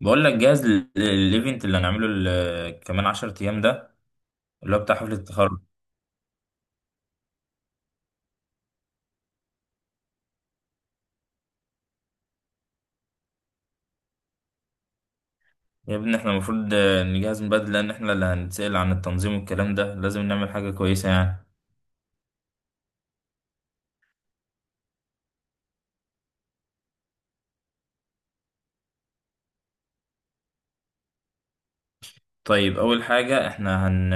بقول لك جاهز للايفنت اللي هنعمله كمان 10 ايام ده اللي هو بتاع حفلة التخرج. يا ابني احنا المفروض نجهز من بدري لان احنا اللي هنتسأل عن التنظيم والكلام ده، لازم نعمل حاجة كويسة يعني. طيب اول حاجة احنا هن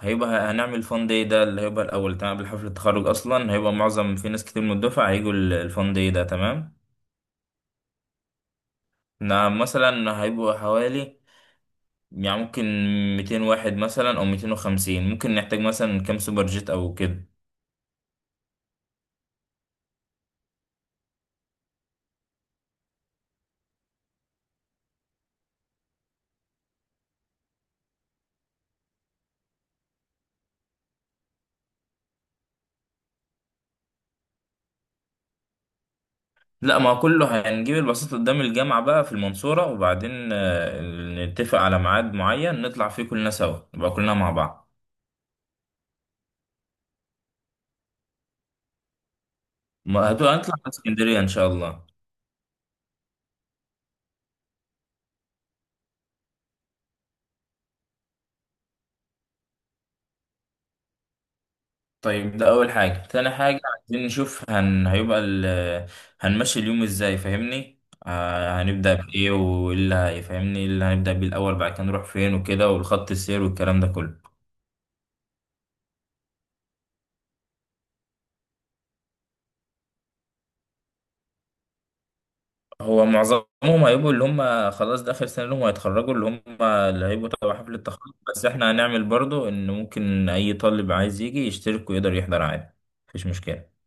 هيبقى هنعمل فان داي ده اللي هيبقى الاول، تمام؟ قبل حفلة التخرج اصلا هيبقى معظم في ناس كتير من الدفعة هيجوا الفان داي ده، تمام. نعم مثلا هيبقوا حوالي، يعني ممكن 200 واحد مثلا او 250، ممكن نحتاج مثلا كام سوبر جيت او كده. لا ما هو كله هنجيب البساطة قدام الجامعة بقى في المنصورة، وبعدين نتفق على ميعاد معين نطلع فيه كلنا سوا، نبقى كلنا مع بعض. ما هتبقى هنطلع على اسكندرية إن شاء الله. طيب ده أول حاجة. تاني حاجة عايزين نشوف هنمشي اليوم إزاي، فاهمني؟ هنبدأ بإيه، واللي هيفهمني اللي هنبدأ بيه الأول، بعد كده نروح فين وكده، والخط السير والكلام ده كله. هو معظمهم هيبقوا اللي هم خلاص ده آخر سنة لهم، هيتخرجوا، اللي هم اللي هيبقوا تبع حفل التخرج، بس احنا هنعمل برضو ان ممكن اي طالب عايز يجي يشترك ويقدر يحضر عادي، مفيش مشكلة.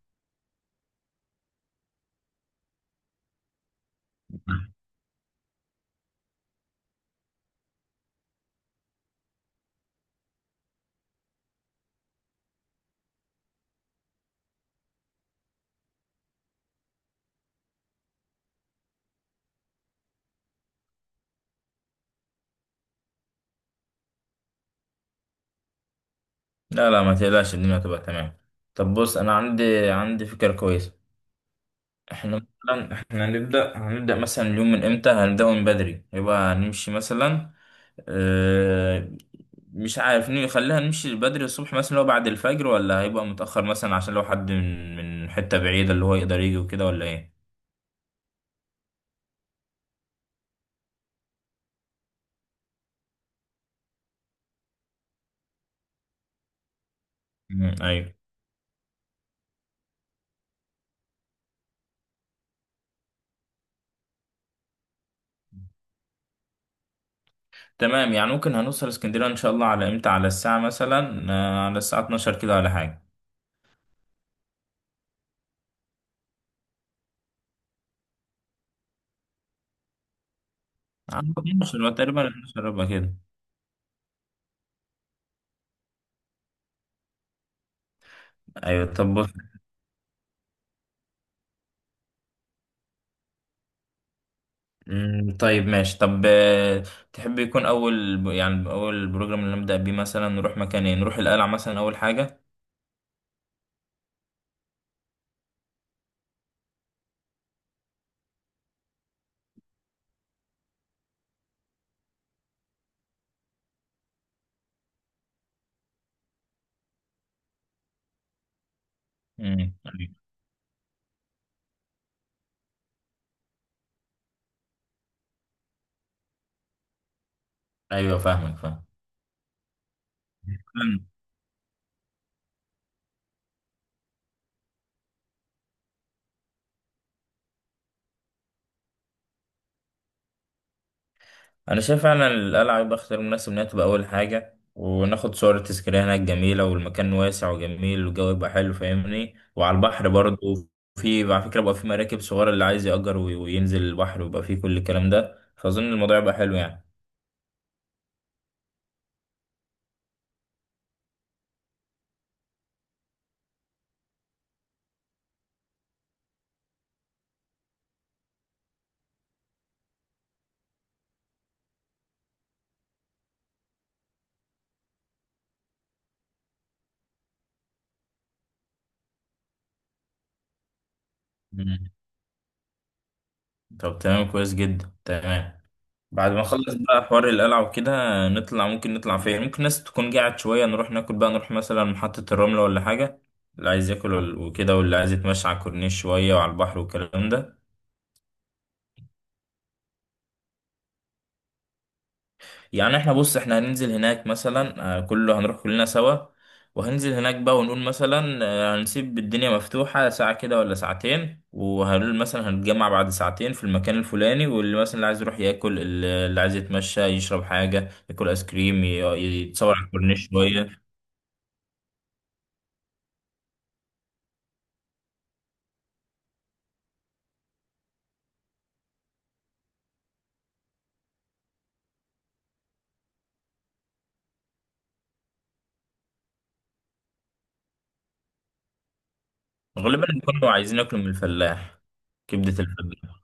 لا لا ما تقلقش، الدنيا هتبقى تمام. طب بص انا عندي فكرة كويسة. احنا مثلا احنا هنبدأ مثلا اليوم من امتى؟ هنبدأ من بدري يبقى هنمشي مثلا، آه، مش عارف خليها نمشي بدري الصبح مثلا، لو بعد الفجر، ولا هيبقى متأخر مثلا عشان لو حد من من حتة بعيدة اللي هو يقدر يجي وكده، ولا ايه؟ مم، ايوه تمام. يعني ممكن هنوصل اسكندرية ان شاء الله على امتى؟ على الساعة مثلا على الساعة 12 كده ولا حاجة. على 12 تقريبا، 12 ربع كده. ايوه. طب بص- مم، طيب ماشي. طب تحب يكون اول يعني اول بروجرام اللي نبدأ بيه مثلا، نروح مكان ايه؟ نروح القلعة مثلا اول حاجة. مم، ايوه. أيوة، فاهمك. فاهم. انا شايف فعلا القلعه يبقى اختيار مناسب، انها تبقى اول حاجه، وناخد صور تذكاريه هناك جميله، والمكان واسع وجميل، والجو يبقى حلو، فاهمني؟ وعلى البحر برضه. في على فكره بقى في مراكب صغيره اللي عايز يأجر وينزل البحر ويبقى فيه كل الكلام ده، فاظن الموضوع يبقى حلو يعني. مم. طب تمام، كويس جدا، تمام. بعد ما نخلص بقى حوار القلعه وكده، نطلع ممكن نطلع فين؟ ممكن ناس تكون قاعد شويه، نروح ناكل بقى، نروح مثلا محطه الرمله ولا حاجه، اللي عايز ياكل وكده، واللي عايز يتمشى على الكورنيش شويه وعلى البحر والكلام ده. يعني احنا بص احنا هننزل هناك مثلا، كله هنروح كلنا سوا، وهننزل هناك بقى ونقول مثلا، هنسيب الدنيا مفتوحة ساعة كده ولا ساعتين، وهنقول مثلا هنتجمع بعد ساعتين في المكان الفلاني، واللي مثلا اللي عايز يروح ياكل، اللي اللي عايز يتمشى يشرب حاجة، ياكل ايس كريم، يتصور على الكورنيش شوية. غالبا كانوا عايزين ياكلوا من الفلاح، كبدة الفلاح.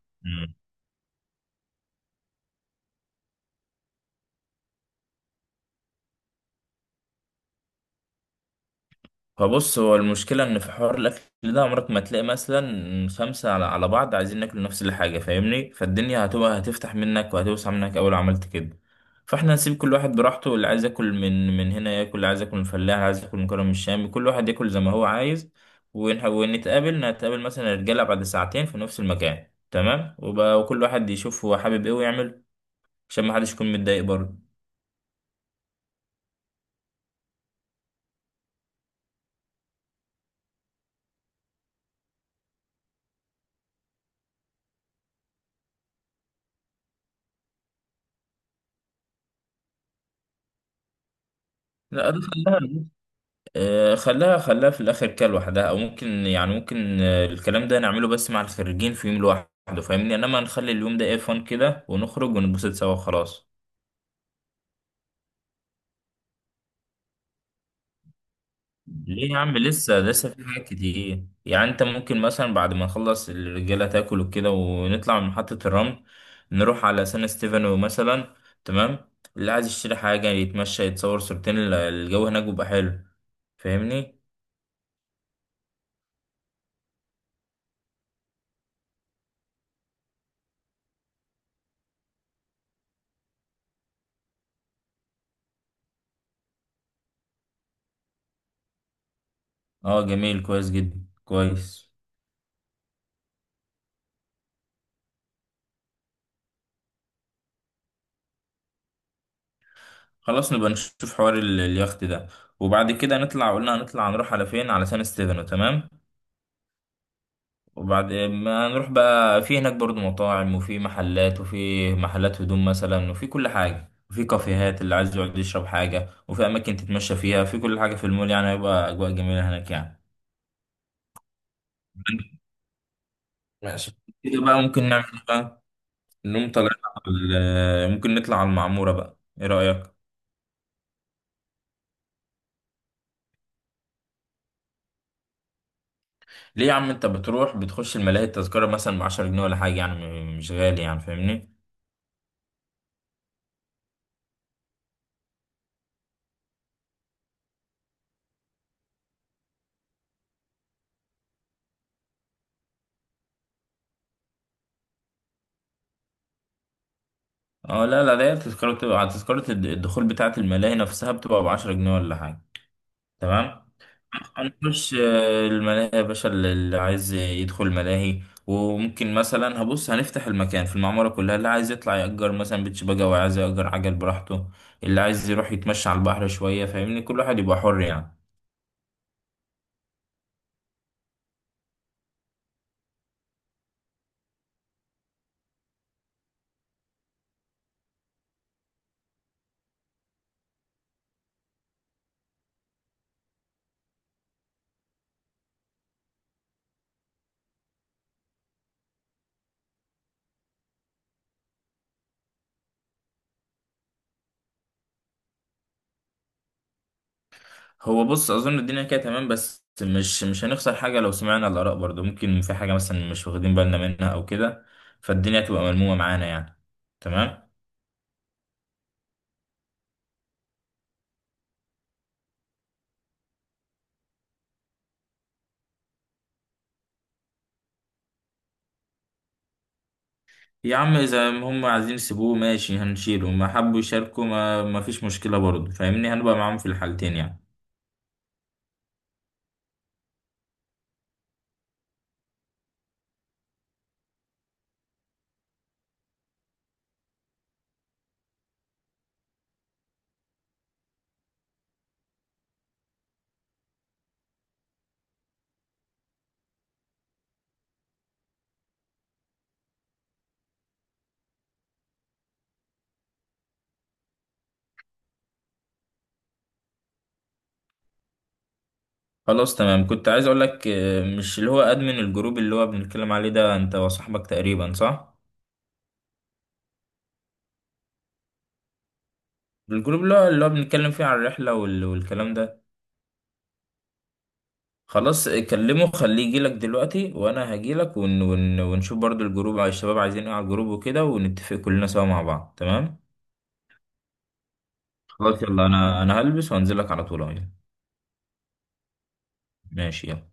فبص هو المشكلة إن في حوار الأكل ده، عمرك ما تلاقي مثلا خمسة على على بعض عايزين ناكل نفس الحاجة، فاهمني؟ فالدنيا هتبقى هتفتح منك وهتوسع منك أول عملت كده. فاحنا نسيب كل واحد براحته، اللي عايز ياكل من من هنا ياكل، اللي عايز ياكل من الفلاح، اللي عايز ياكل من كرم الشام، كل واحد ياكل زي ما هو عايز. ونتقابل مثلا الرجالة بعد ساعتين في نفس المكان، تمام؟ وبقى وكل واحد يشوف هو حابب ايه ويعمل، عشان ما حدش يكون متضايق برضه. لا ده خلاها، خلاها في الاخر كده لوحدها. او ممكن يعني ممكن الكلام ده نعمله بس مع الخريجين في يوم لوحده فاهمني، انما نخلي اليوم ده ايه، فن كده، ونخرج ونتبسط سوا خلاص. ليه يا عم؟ لسه لسه في حاجات كتير يعني. انت ممكن مثلا بعد ما نخلص الرجاله تاكل وكده ونطلع من محطه الرمل، نروح على سان ستيفانو مثلا. تمام. اللي عايز يشتري حاجه يتمشى يتصور صورتين، الجو هناك بيبقى حلو فاهمني. اه جميل، كويس جدا، كويس. خلاص نبقى نشوف حوار اليخت ده. وبعد كده نطلع، قلنا هنطلع نروح على فين؟ على سان ستيفانو، تمام. وبعد ما نروح بقى، في هناك برضو مطاعم وفي محلات وفي محلات هدوم مثلا، وفي كل حاجة، وفي كافيهات اللي عايز يقعد يشرب حاجة، وفي أماكن تتمشى فيها، في كل حاجة في المول يعني، هيبقى أجواء جميلة هناك يعني. ماشي. كده بقى ممكن نعمل إيه بقى؟ نقوم طالعين على ممكن نطلع على المعمورة بقى، ايه رأيك؟ ليه يا عم؟ انت بتروح بتخش الملاهي، التذكرة مثلا ب 10 جنيه ولا حاجة يعني، مش غالي يعني فاهمني. اه لا لا، ده تذكرة بتبقى على تذكرة الدخول بتاعة الملاهي نفسها، بتبقى بعشرة جنيه ولا حاجة، تمام؟ هنخش الملاهي يا باشا، اللي اللي عايز يدخل الملاهي، وممكن مثلا هبص هنفتح المكان في المعمورة كلها، اللي عايز يطلع يأجر مثلا بيتش باجا، وعايز يأجر عجل براحته، اللي عايز يروح يتمشى على البحر شوية فاهمني، كل واحد يبقى حر يعني. هو بص أظن الدنيا كده تمام، بس مش هنخسر حاجة لو سمعنا الآراء برضه، ممكن في حاجة مثلا مش واخدين بالنا منها أو كده، فالدنيا تبقى ملمومة معانا يعني. تمام. يا عم اذا هم عايزين يسيبوه ماشي، هنشيله، ما حبوا يشاركوا ما فيش مشكله برضه فاهمني، هنبقى معاهم في الحالتين يعني. خلاص تمام. كنت عايز اقول لك مش اللي هو ادمن الجروب اللي هو بنتكلم عليه ده انت وصاحبك تقريبا، صح؟ الجروب اللي هو اللي هو بنتكلم فيه عن الرحله والكلام ده. خلاص كلمه خليه يجيلك دلوقتي، وانا هجيلك ونشوف برضه الجروب، على الشباب عايزين ايه على الجروب وكده، ونتفق كلنا سوا مع بعض، تمام؟ خلاص يلا، انا هلبس وانزلك على طول اهو. ماشي يلا.